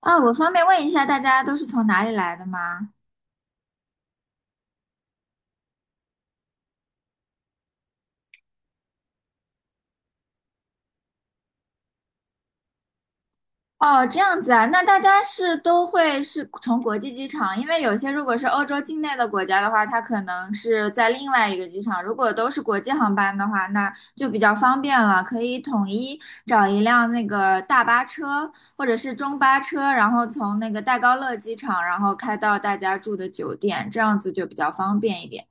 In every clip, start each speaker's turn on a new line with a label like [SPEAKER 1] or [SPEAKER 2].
[SPEAKER 1] 啊，我方便问一下，大家都是从哪里来的吗？哦，这样子啊，那大家是都会是从国际机场，因为有些如果是欧洲境内的国家的话，它可能是在另外一个机场。如果都是国际航班的话，那就比较方便了，可以统一找一辆那个大巴车或者是中巴车，然后从那个戴高乐机场，然后开到大家住的酒店，这样子就比较方便一点。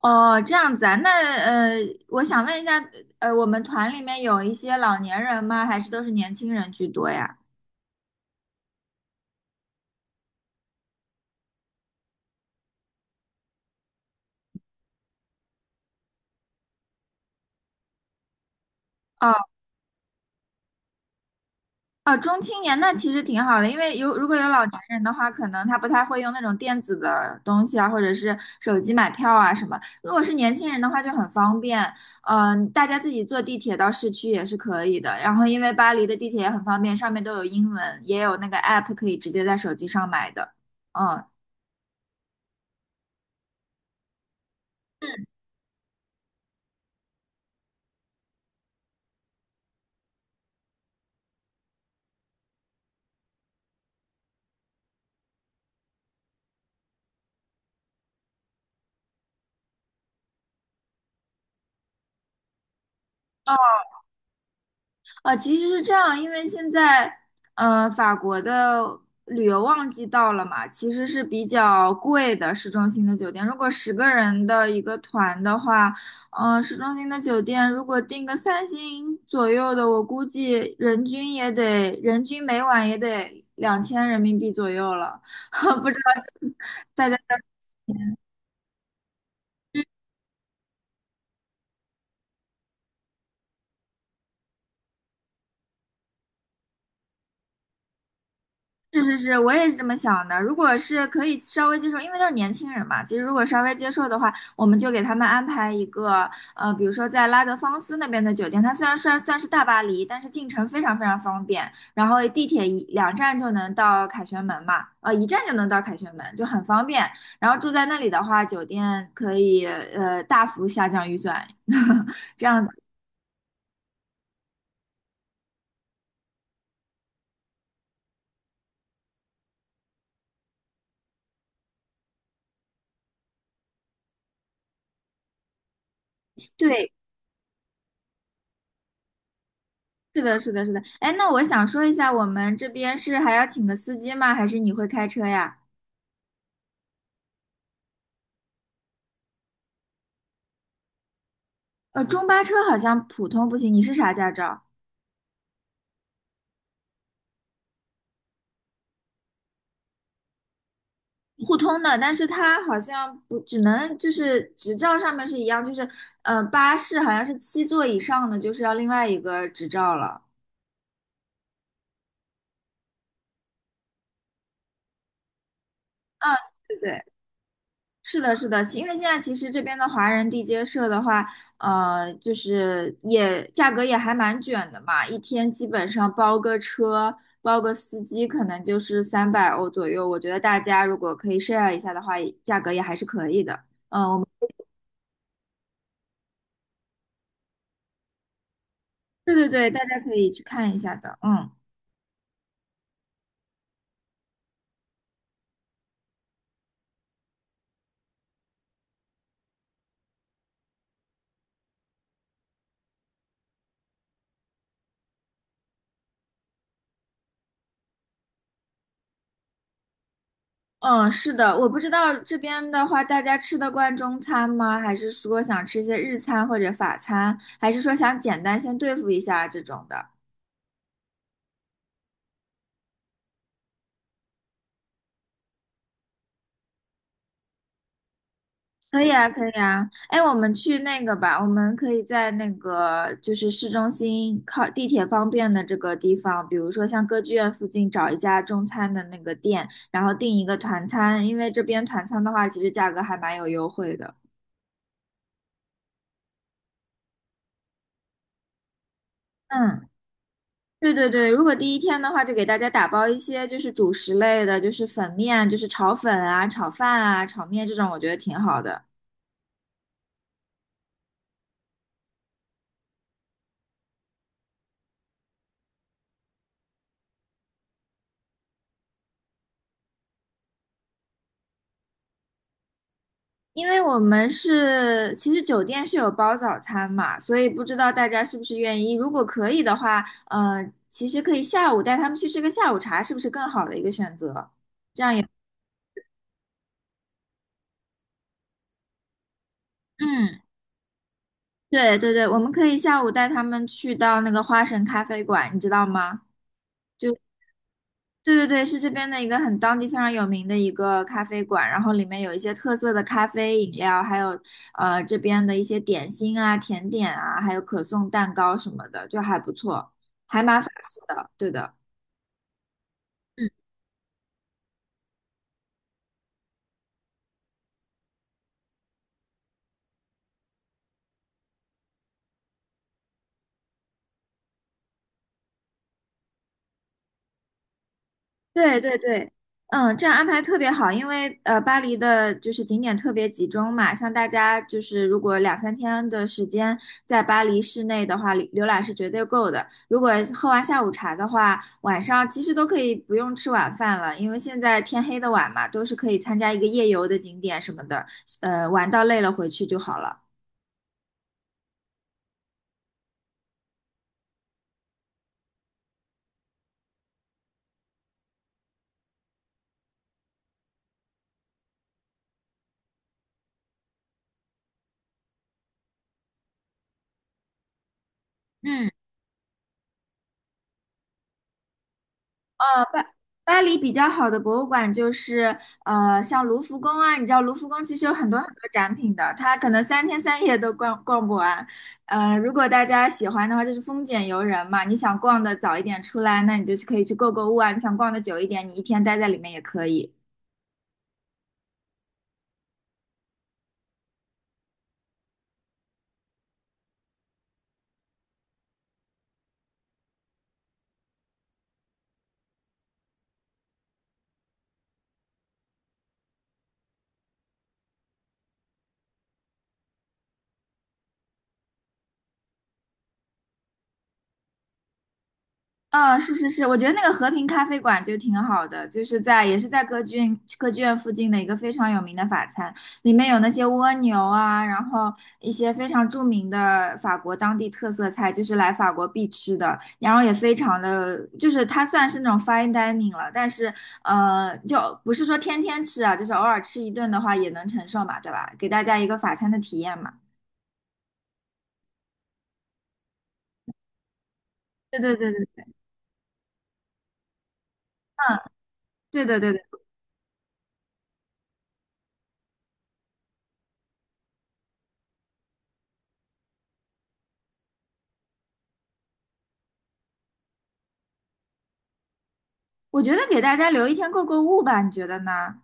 [SPEAKER 1] 哦，这样子啊，那我想问一下，我们团里面有一些老年人吗？还是都是年轻人居多呀？哦哦，中青年那其实挺好的，因为有如果有老年人的话，可能他不太会用那种电子的东西啊，或者是手机买票啊什么。如果是年轻人的话，就很方便，大家自己坐地铁到市区也是可以的。然后因为巴黎的地铁也很方便，上面都有英文，也有那个 app 可以直接在手机上买的，嗯。啊，其实是这样，因为现在法国的旅游旺季到了嘛，其实是比较贵的市中心的酒店。如果10个人的一个团的话，市中心的酒店如果订个3星左右的，我估计人均每晚也得2000人民币左右了。不知道大家。是是是，我也是这么想的。如果是可以稍微接受，因为都是年轻人嘛，其实如果稍微接受的话，我们就给他们安排一个，呃，比如说在拉德芳斯那边的酒店，它虽然算是大巴黎，但是进城非常非常方便，然后地铁一两站就能到凯旋门嘛，一站就能到凯旋门，就很方便。然后住在那里的话，酒店可以大幅下降预算，这样对。是的，是的，是的。哎，那我想说一下，我们这边是还要请个司机吗？还是你会开车呀？中巴车好像普通不行，你是啥驾照？互通的，但是它好像不只能就是执照上面是一样，就是巴士好像是7座以上的就是要另外一个执照了。啊，对对。是的，是的，因为现在其实这边的华人地接社的话，就是也价格也还蛮卷的嘛，一天基本上包个车，包个司机，可能就是300欧左右。我觉得大家如果可以 share 一下的话，也价格也还是可以的。我们对对对，大家可以去看一下的。嗯嗯，是的，我不知道这边的话，大家吃得惯中餐吗？还是说想吃一些日餐或者法餐，还是说想简单先对付一下这种的？可以啊，可以啊。哎，我们去那个吧，我们可以在那个就是市中心靠地铁方便的这个地方，比如说像歌剧院附近找一家中餐的那个店，然后订一个团餐，因为这边团餐的话，其实价格还蛮有优惠的。嗯，对对对，如果第一天的话，就给大家打包一些就是主食类的，就是粉面，就是炒粉啊、炒饭啊、炒面这种，我觉得挺好的。因为我们是，其实酒店是有包早餐嘛，所以不知道大家是不是愿意。如果可以的话，呃，其实可以下午带他们去吃个下午茶，是不是更好的一个选择？嗯，对对对，我们可以下午带他们去到那个花神咖啡馆，你知道吗？对对对，是这边的一个很当地非常有名的一个咖啡馆，然后里面有一些特色的咖啡饮料，还有这边的一些点心啊、甜点啊，还有可颂蛋糕什么的，就还不错，还蛮法式的，对的。嗯对对对，嗯，这样安排特别好，因为巴黎的就是景点特别集中嘛，像大家就是如果两三天的时间在巴黎市内的话，浏览是绝对够的。如果喝完下午茶的话，晚上其实都可以不用吃晚饭了，因为现在天黑的晚嘛，都是可以参加一个夜游的景点什么的，玩到累了回去就好了。嗯。呃，巴巴黎比较好的博物馆就是像卢浮宫啊，你知道卢浮宫其实有很多很多展品的，它可能三天三夜都逛不完。如果大家喜欢的话，就是丰俭由人嘛，你想逛的早一点出来，那你就是可以去购物啊；你想逛的久一点，你一天待在里面也可以。嗯，是是是，我觉得那个和平咖啡馆就挺好的，就是在也是在歌剧院附近的一个非常有名的法餐，里面有那些蜗牛啊，然后一些非常著名的法国当地特色菜，就是来法国必吃的，然后也非常的，就是它算是那种 fine dining 了，但是就不是说天天吃啊，就是偶尔吃一顿的话也能承受嘛，对吧？给大家一个法餐的体验嘛。对对对对，嗯，对对对对，我觉得给大家留一天购物吧，你觉得呢？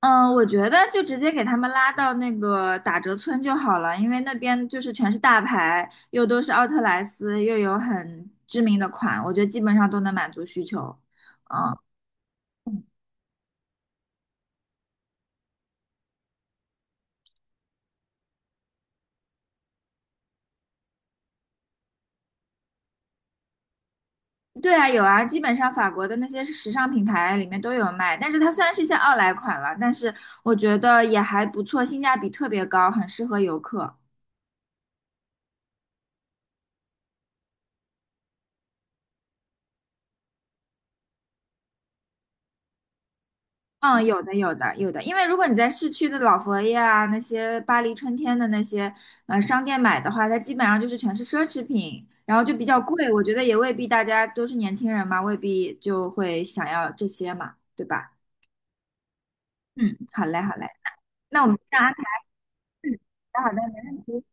[SPEAKER 1] 嗯，我觉得就直接给他们拉到那个打折村就好了，因为那边就是全是大牌，又都是奥特莱斯，又有很知名的款，我觉得基本上都能满足需求。对啊，有啊，基本上法国的那些时尚品牌里面都有卖，但是它虽然是一些奥莱款了，但是我觉得也还不错，性价比特别高，很适合游客。嗯，有的，有的，有的。因为如果你在市区的老佛爷啊，那些巴黎春天的那些商店买的话，它基本上就是全是奢侈品，然后就比较贵。我觉得也未必大家都是年轻人嘛，未必就会想要这些嘛，对吧？嗯，好嘞，好嘞。那我们这样安排。好的，好的，没问题。